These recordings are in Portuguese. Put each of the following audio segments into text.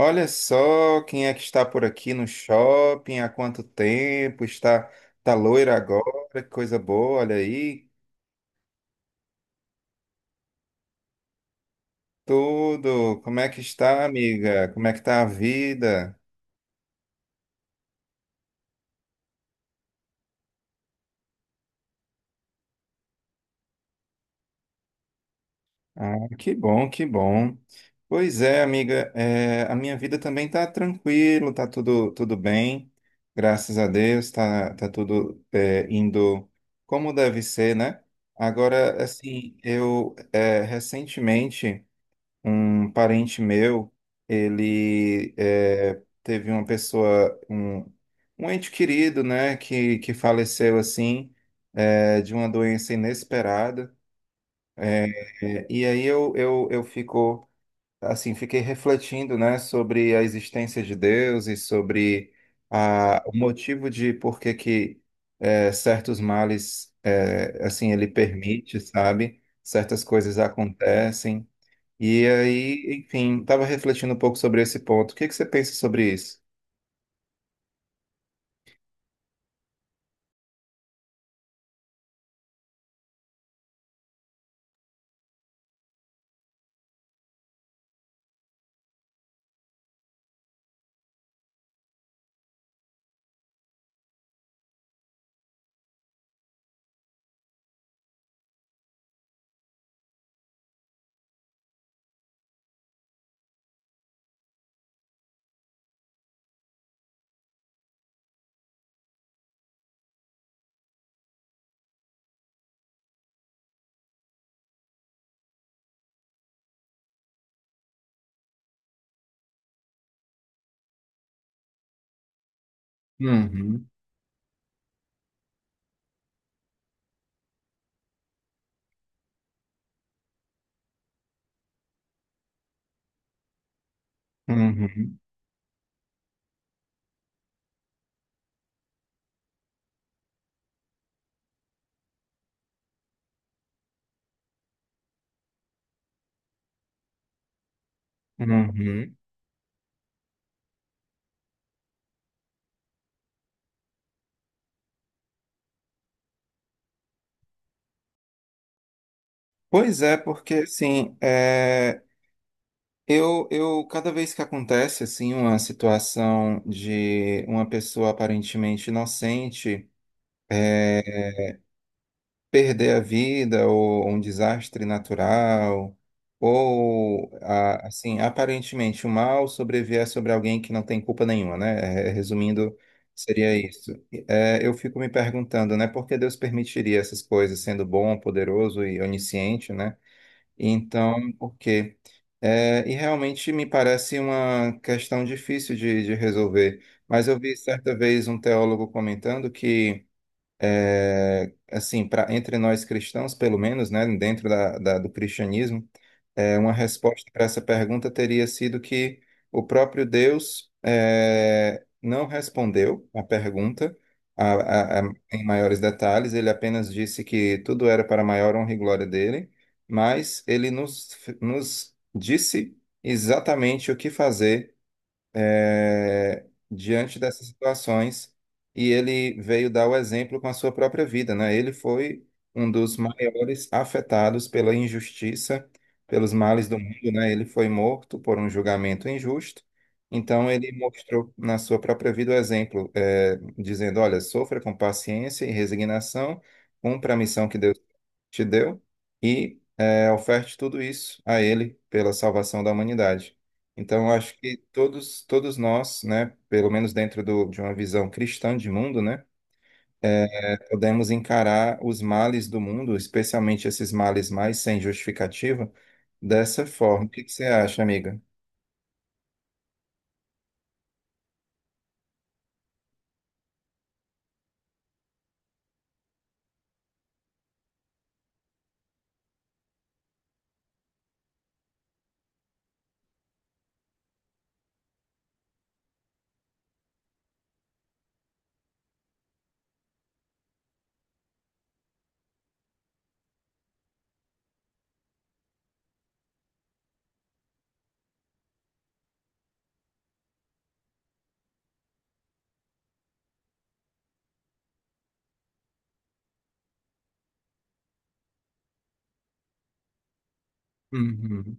Olha só quem é que está por aqui no shopping, há quanto tempo, está, tá loira agora, que coisa boa, olha aí, tudo, como é que está, amiga, como é que está a vida? Ah, que bom, que bom. Pois é, amiga, a minha vida também está tranquilo, tá tudo bem, graças a Deus, tá tudo indo como deve ser, né? Agora, assim, eu recentemente... Um parente meu, ele teve uma pessoa, um ente querido, né, que faleceu assim, de uma doença inesperada. É, e aí eu fico, assim, fiquei refletindo, né, sobre a existência de Deus e sobre a, o motivo de por que que certos males, é, assim, ele permite, sabe? Certas coisas acontecem. E aí, enfim, estava refletindo um pouco sobre esse ponto. O que que você pensa sobre isso? Uhum, uhum, uhum. Pois é, porque assim, eu cada vez que acontece assim uma situação de uma pessoa aparentemente inocente eh, perder a vida ou um desastre natural, ou assim, aparentemente o mal sobrevier sobre alguém que não tem culpa nenhuma, né? É, resumindo, seria isso. É, eu fico me perguntando, né, por que Deus permitiria essas coisas, sendo bom, poderoso e onisciente, né? Então, por quê? É, e realmente me parece uma questão difícil de resolver. Mas eu vi certa vez um teólogo comentando que assim, para entre nós cristãos, pelo menos, né, dentro do cristianismo, é, uma resposta para essa pergunta teria sido que o próprio Deus não respondeu a pergunta em maiores detalhes, ele apenas disse que tudo era para a maior honra e glória dele, mas ele nos disse exatamente o que fazer é, diante dessas situações e ele veio dar o exemplo com a sua própria vida, né? Ele foi um dos maiores afetados pela injustiça, pelos males do mundo, né? Ele foi morto por um julgamento injusto, então ele mostrou na sua própria vida o exemplo, é, dizendo, olha, sofra com paciência e resignação, cumpra a missão que Deus te deu e oferte tudo isso a Ele pela salvação da humanidade. Então, eu acho que todos nós, né, pelo menos dentro do, de uma visão cristã de mundo, né, podemos encarar os males do mundo, especialmente esses males mais sem justificativa, dessa forma. O que que você acha, amiga? Uhum,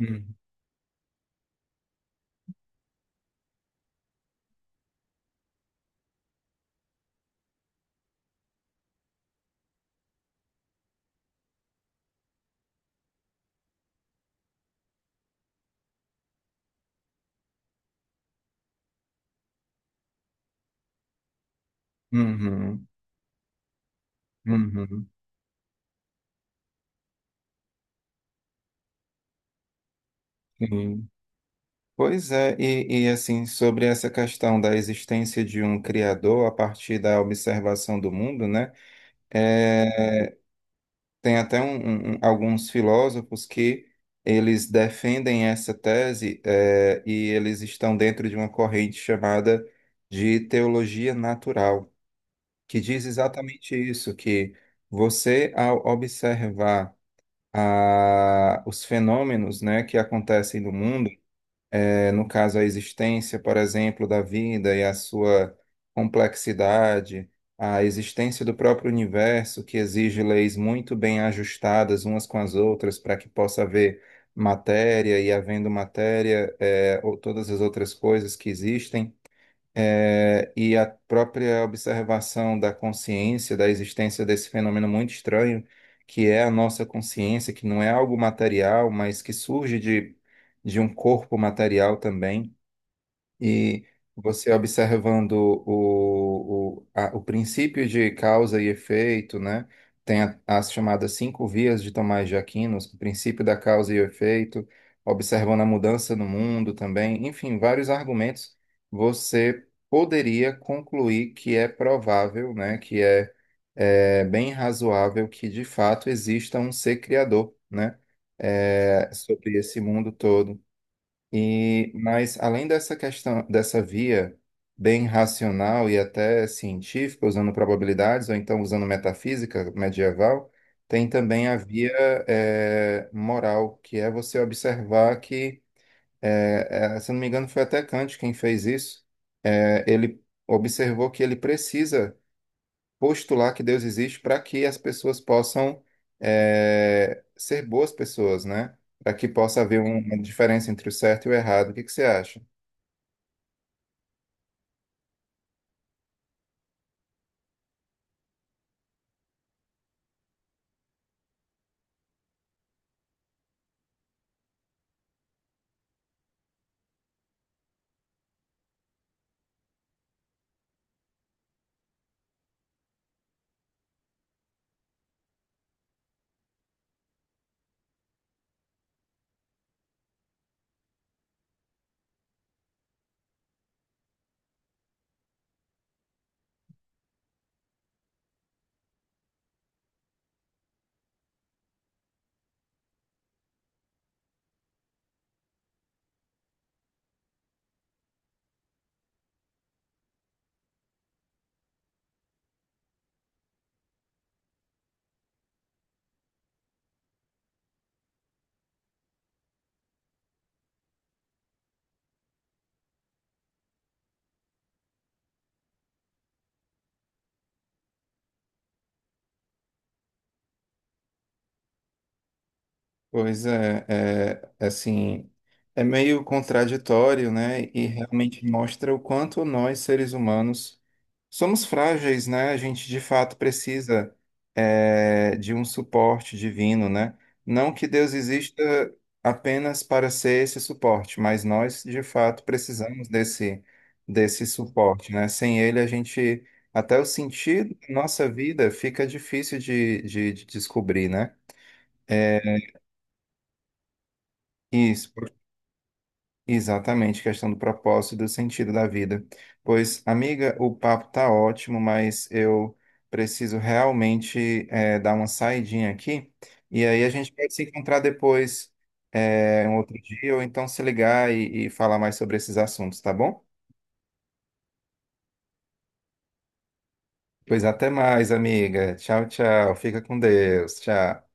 uhum, uhum, uhum, sim. Pois é, e assim, sobre essa questão da existência de um criador a partir da observação do mundo, né? É, tem até um, alguns filósofos que eles defendem essa tese, é, e eles estão dentro de uma corrente chamada de teologia natural, que diz exatamente isso, que você, ao observar os fenômenos, né, que acontecem no mundo, eh, no caso, a existência, por exemplo, da vida e a sua complexidade, a existência do próprio universo, que exige leis muito bem ajustadas umas com as outras para que possa haver matéria e, havendo matéria, eh, ou todas as outras coisas que existem. É, e a própria observação da consciência, da existência desse fenômeno muito estranho, que é a nossa consciência, que não é algo material, mas que surge de um corpo material também. E você observando o princípio de causa e efeito, né? Tem as chamadas cinco vias de Tomás de Aquino, o princípio da causa e efeito, observando a mudança no mundo também, enfim, vários argumentos, você poderia concluir que é provável, né? Que é bem razoável que de fato exista um ser criador, né? É, sobre esse mundo todo. E, mas além dessa questão, dessa via bem racional e até científica, usando probabilidades, ou então usando metafísica medieval, tem também a via eh, moral, que é você observar que, se eu não me engano, foi até Kant quem fez isso. Ele observou que ele precisa postular que Deus existe para que as pessoas possam ser boas pessoas, né? Para que possa haver uma diferença entre o certo e o errado. O que que você acha? Pois é, é, assim, é meio contraditório, né? E realmente mostra o quanto nós, seres humanos, somos frágeis, né? A gente de fato precisa de um suporte divino, né? Não que Deus exista apenas para ser esse suporte, mas nós de fato precisamos desse suporte, né? Sem ele, a gente, até o sentido da nossa vida fica difícil de descobrir, né? É, isso. Exatamente, questão do propósito e do sentido da vida. Pois, amiga, o papo tá ótimo, mas eu preciso realmente eh, dar uma saidinha aqui. E aí a gente pode se encontrar depois, eh, um outro dia, ou então se ligar e falar mais sobre esses assuntos, tá bom? Pois até mais, amiga. Tchau, tchau. Fica com Deus. Tchau.